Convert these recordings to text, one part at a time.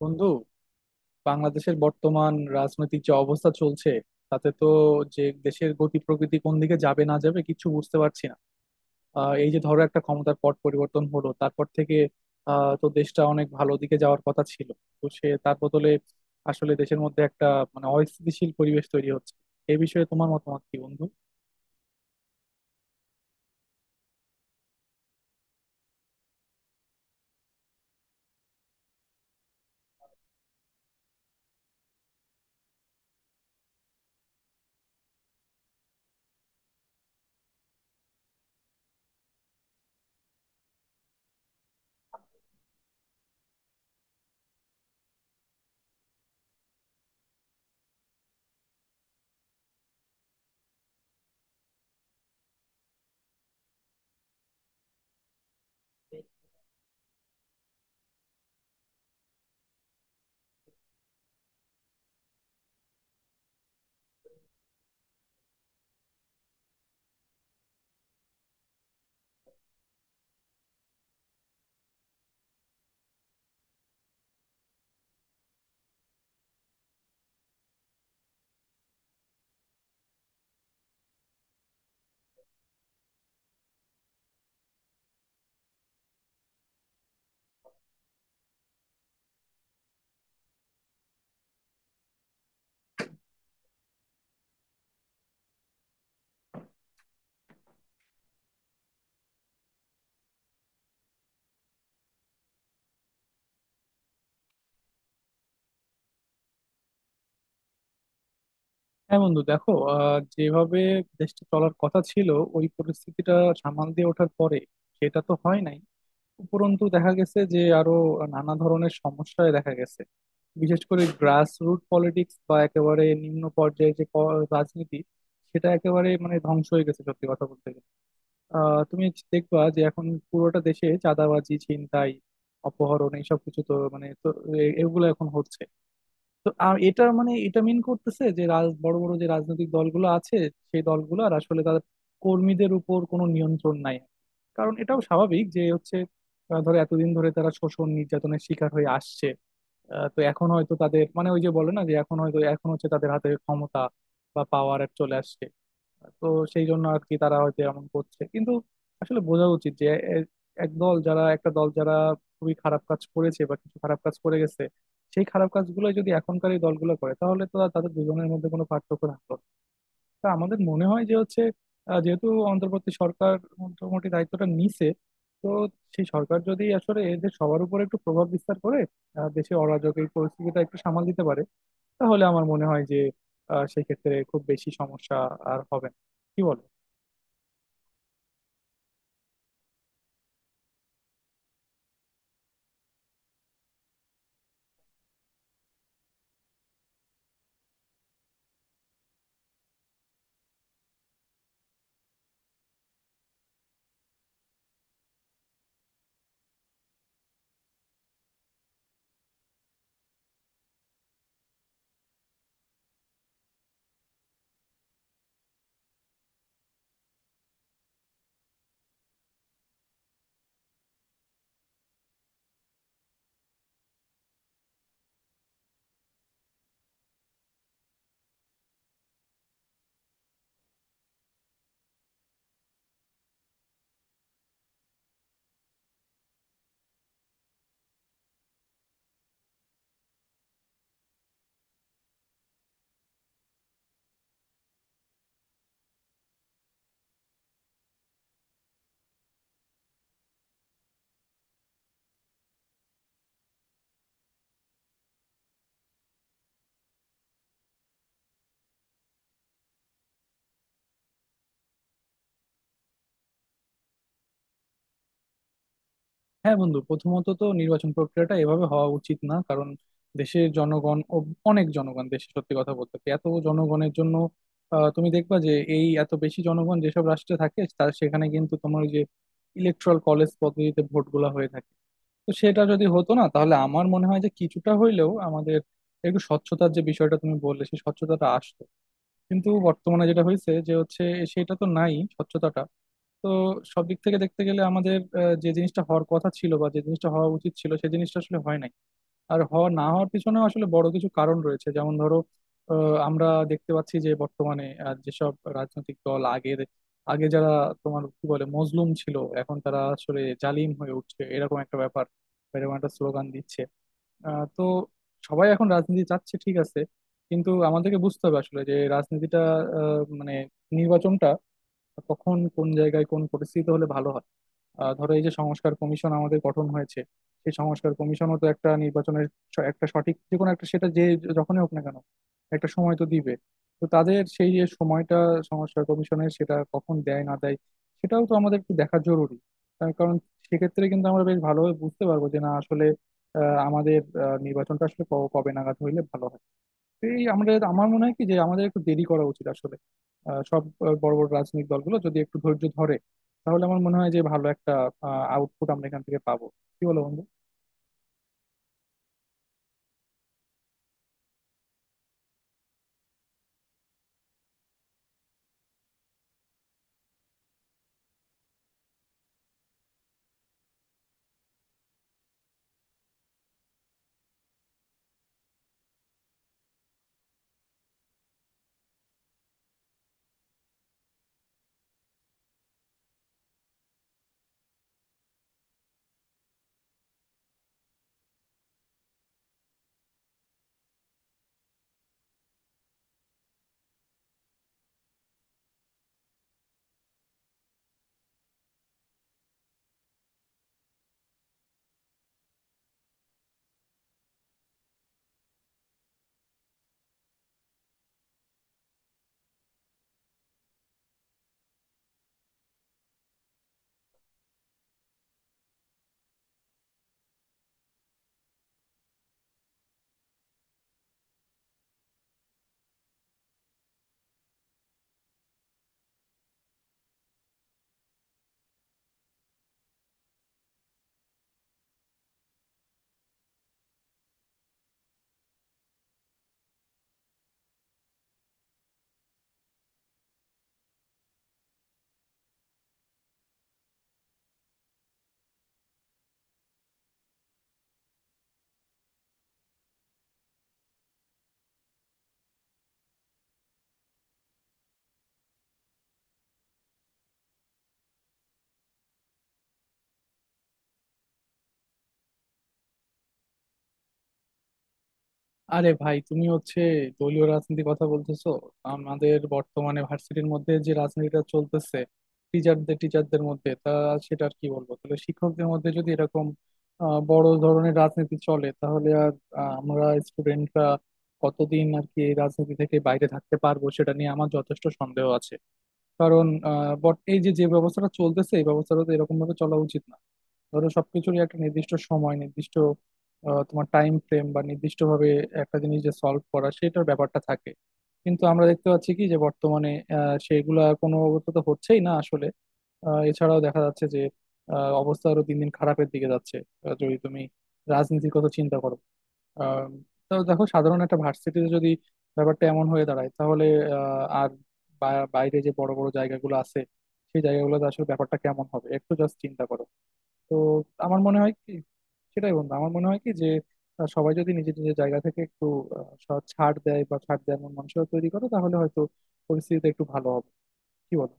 বন্ধু, বাংলাদেশের বর্তমান রাজনৈতিক যে অবস্থা চলছে তাতে তো যে দেশের গতি প্রকৃতি কোন দিকে যাবে না যাবে কিছু বুঝতে পারছি না। এই যে ধরো একটা ক্ষমতার পট পরিবর্তন হলো তারপর থেকে তো দেশটা অনেক ভালো দিকে যাওয়ার কথা ছিল, তো সে তার বদলে আসলে দেশের মধ্যে একটা মানে অস্থিতিশীল পরিবেশ তৈরি হচ্ছে। এই বিষয়ে তোমার মতামত কি বন্ধু? হ্যাঁ বন্ধু, দেখো যেভাবে দেশটা চলার কথা ছিল, ওই পরিস্থিতিটা সামাল দিয়ে ওঠার পরে সেটা তো হয় নাই। উপরন্তু দেখা গেছে যে আরো নানা ধরনের সমস্যায় দেখা গেছে। বিশেষ করে গ্রাস রুট পলিটিক্স বা একেবারে নিম্ন পর্যায়ে যে রাজনীতি, সেটা একেবারে মানে ধ্বংস হয়ে গেছে সত্যি কথা বলতে গেলে। তুমি দেখবা যে এখন পুরোটা দেশে চাঁদাবাজি, ছিনতাই, অপহরণ এইসব কিছু তো মানে তো এগুলো এখন হচ্ছে। তো আর এটা মানে এটা মিন করতেছে যে রাজ বড় বড় যে রাজনৈতিক দলগুলো আছে, সেই দলগুলোর আসলে তাদের কর্মীদের উপর কোনো নিয়ন্ত্রণ নাই। কারণ এটাও স্বাভাবিক যে হচ্ছে, ধরো এতদিন ধরে তারা শোষণ নির্যাতনের শিকার হয়ে আসছে। তো এখন হয়তো তাদের মানে ওই যে বলে না যে এখন হয়তো এখন হচ্ছে তাদের হাতে ক্ষমতা বা পাওয়ার চলে আসছে। তো সেই জন্য আর কি তারা হয়তো এমন করছে, কিন্তু আসলে বোঝা উচিত যে এ- এক দল যারা একটা দল যারা খুবই খারাপ কাজ করেছে বা কিছু খারাপ কাজ করে গেছে, সেই খারাপ কাজগুলো যদি এখনকার এই দলগুলো করে তাহলে তো আর তাদের দুজনের মধ্যে কোনো পার্থক্য থাকলো না। তা আমাদের মনে হয় যে হচ্ছে যেহেতু অন্তর্বর্তী সরকার মোটামুটি দায়িত্বটা নিছে, তো সেই সরকার যদি আসলে এদের সবার উপর একটু প্রভাব বিস্তার করে, দেশে অরাজক এই পরিস্থিতিটা একটু সামাল দিতে পারে, তাহলে আমার মনে হয় যে সেক্ষেত্রে খুব বেশি সমস্যা আর হবে না। কি বল? হ্যাঁ বন্ধু, প্রথমত তো নির্বাচন প্রক্রিয়াটা এভাবে হওয়া উচিত না, কারণ দেশের জনগণ অনেক জনগণ দেশে, সত্যি কথা বলতে কি, এত জনগণের জন্য তুমি দেখবা যে এই এত বেশি জনগণ যেসব রাষ্ট্রে থাকে তার সেখানে কিন্তু তোমার ওই যে ইলেকট্রাল কলেজ পদ্ধতিতে ভোটগুলা হয়ে থাকে। তো সেটা যদি হতো না তাহলে আমার মনে হয় যে কিছুটা হইলেও আমাদের একটু স্বচ্ছতার যে বিষয়টা তুমি বললে সেই স্বচ্ছতাটা আসতো। কিন্তু বর্তমানে যেটা হয়েছে যে হচ্ছে, সেটা তো নাই স্বচ্ছতাটা। তো সব দিক থেকে দেখতে গেলে আমাদের যে জিনিসটা হওয়ার কথা ছিল বা যে জিনিসটা হওয়া উচিত ছিল সেই জিনিসটা আসলে হয় নাই। আর হওয়া না হওয়ার পিছনেও আসলে বড় কিছু কারণ রয়েছে, যেমন ধরো, আহ, আমরা দেখতে পাচ্ছি যে বর্তমানে যেসব রাজনৈতিক দল আগে যারা তোমার কি বলে মজলুম ছিল এখন তারা আসলে জালিম হয়ে উঠছে, এরকম একটা ব্যাপার, এরকম একটা স্লোগান দিচ্ছে। তো সবাই এখন রাজনীতি চাচ্ছে ঠিক আছে, কিন্তু আমাদেরকে বুঝতে হবে আসলে যে রাজনীতিটা আহ, মানে নির্বাচনটা কখন কোন জায়গায় কোন পরিস্থিতিতে হলে ভালো হয়। ধরো এই যে সংস্কার কমিশন আমাদের গঠন হয়েছে, সেই সংস্কার কমিশনও তো একটা নির্বাচনের একটা সঠিক যে কোনো একটা, সেটা যে যখনই হোক না কেন, একটা সময় তো দিবে। তো তাদের সেই যে সময়টা, সংস্কার কমিশনের সেটা কখন দেয় না দেয় সেটাও তো আমাদের একটু দেখা জরুরি। তার কারণ সেক্ষেত্রে কিন্তু আমরা বেশ ভালোভাবে বুঝতে পারবো যে না আসলে আমাদের নির্বাচনটা আসলে কবে নাগাদ হইলে ভালো হয়। এই আমাদের আমার মনে হয় কি যে আমাদের একটু দেরি করা উচিত আসলে। সব বড় বড় রাজনৈতিক দলগুলো যদি একটু ধৈর্য ধরে তাহলে আমার মনে হয় যে ভালো একটা আউটপুট আমরা এখান থেকে পাবো। কি বলো বন্ধু? আরে ভাই, তুমি হচ্ছে দলীয় রাজনীতির কথা বলতেছো। আমাদের বর্তমানে ভার্সিটির মধ্যে যে রাজনীতিটা চলতেছে, টিচারদের টিচারদের মধ্যে তা, সেটা আর কি বলবো। তাহলে শিক্ষকদের মধ্যে যদি এরকম বড় ধরনের রাজনীতি চলে তাহলে আর আমরা স্টুডেন্টরা কতদিন আর কি এই রাজনীতি থেকে বাইরে থাকতে পারবো সেটা নিয়ে আমার যথেষ্ট সন্দেহ আছে। কারণ আহ বট এই যে যে ব্যবস্থাটা চলতেছে এই ব্যবস্থাটা তো এরকম ভাবে চলা উচিত না। ধরো সবকিছুরই একটা নির্দিষ্ট সময়, নির্দিষ্ট তোমার টাইম ফ্রেম বা নির্দিষ্টভাবে একটা জিনিস যে সলভ করা সেটার ব্যাপারটা থাকে। কিন্তু আমরা দেখতে পাচ্ছি কি যে বর্তমানে সেগুলা কোনো অবস্থা তো হচ্ছেই না আসলে। এছাড়াও দেখা যাচ্ছে যে অবস্থা আরো দিন দিন খারাপের দিকে যাচ্ছে। যদি তুমি রাজনীতির কথা চিন্তা করো, আহ, তো দেখো সাধারণ একটা ভার্সিটিতে যদি ব্যাপারটা এমন হয়ে দাঁড়ায় তাহলে আর বাইরে যে বড় বড় জায়গাগুলো আছে সেই জায়গাগুলোতে আসলে ব্যাপারটা কেমন হবে একটু জাস্ট চিন্তা করো। তো আমার মনে হয় কি, সেটাই বন্ধু, আমার মনে হয় কি যে সবাই যদি নিজের নিজের জায়গা থেকে একটু সৎ ছাড় দেয় এমন মানুষরা তৈরি করে তাহলে হয়তো পরিস্থিতিটা একটু ভালো হবে। কি বলো?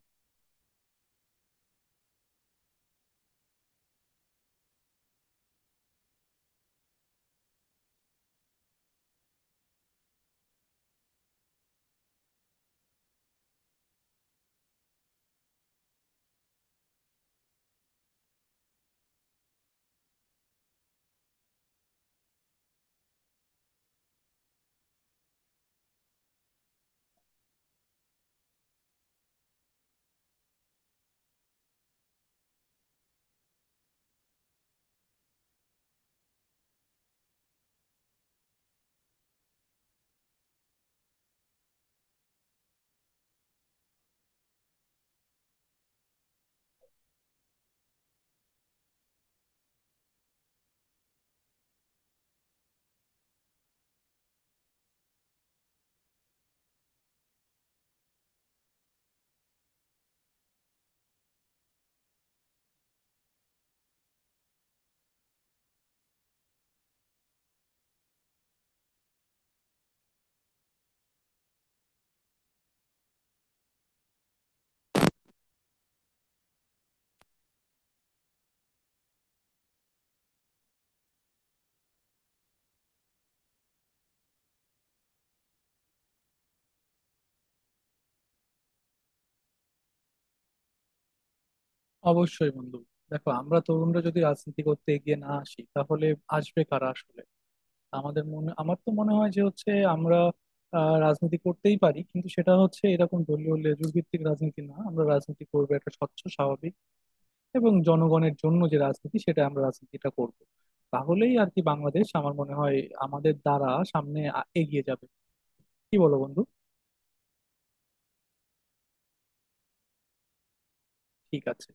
অবশ্যই বন্ধু, দেখো আমরা তরুণরা যদি রাজনীতি করতে এগিয়ে না আসি তাহলে আসবে কারা আসলে? আমাদের মনে আমার তো মনে হয় যে হচ্ছে আমরা রাজনীতি করতেই পারি, কিন্তু সেটা হচ্ছে এরকম দলীয় লেজুড় ভিত্তিক রাজনীতি না, আমরা রাজনীতি করবো একটা স্বচ্ছ, স্বাভাবিক এবং জনগণের জন্য যে রাজনীতি সেটা আমরা রাজনীতিটা করব। তাহলেই আর কি বাংলাদেশ আমার মনে হয় আমাদের দ্বারা সামনে এগিয়ে যাবে। কি বলো বন্ধু? ঠিক আছে।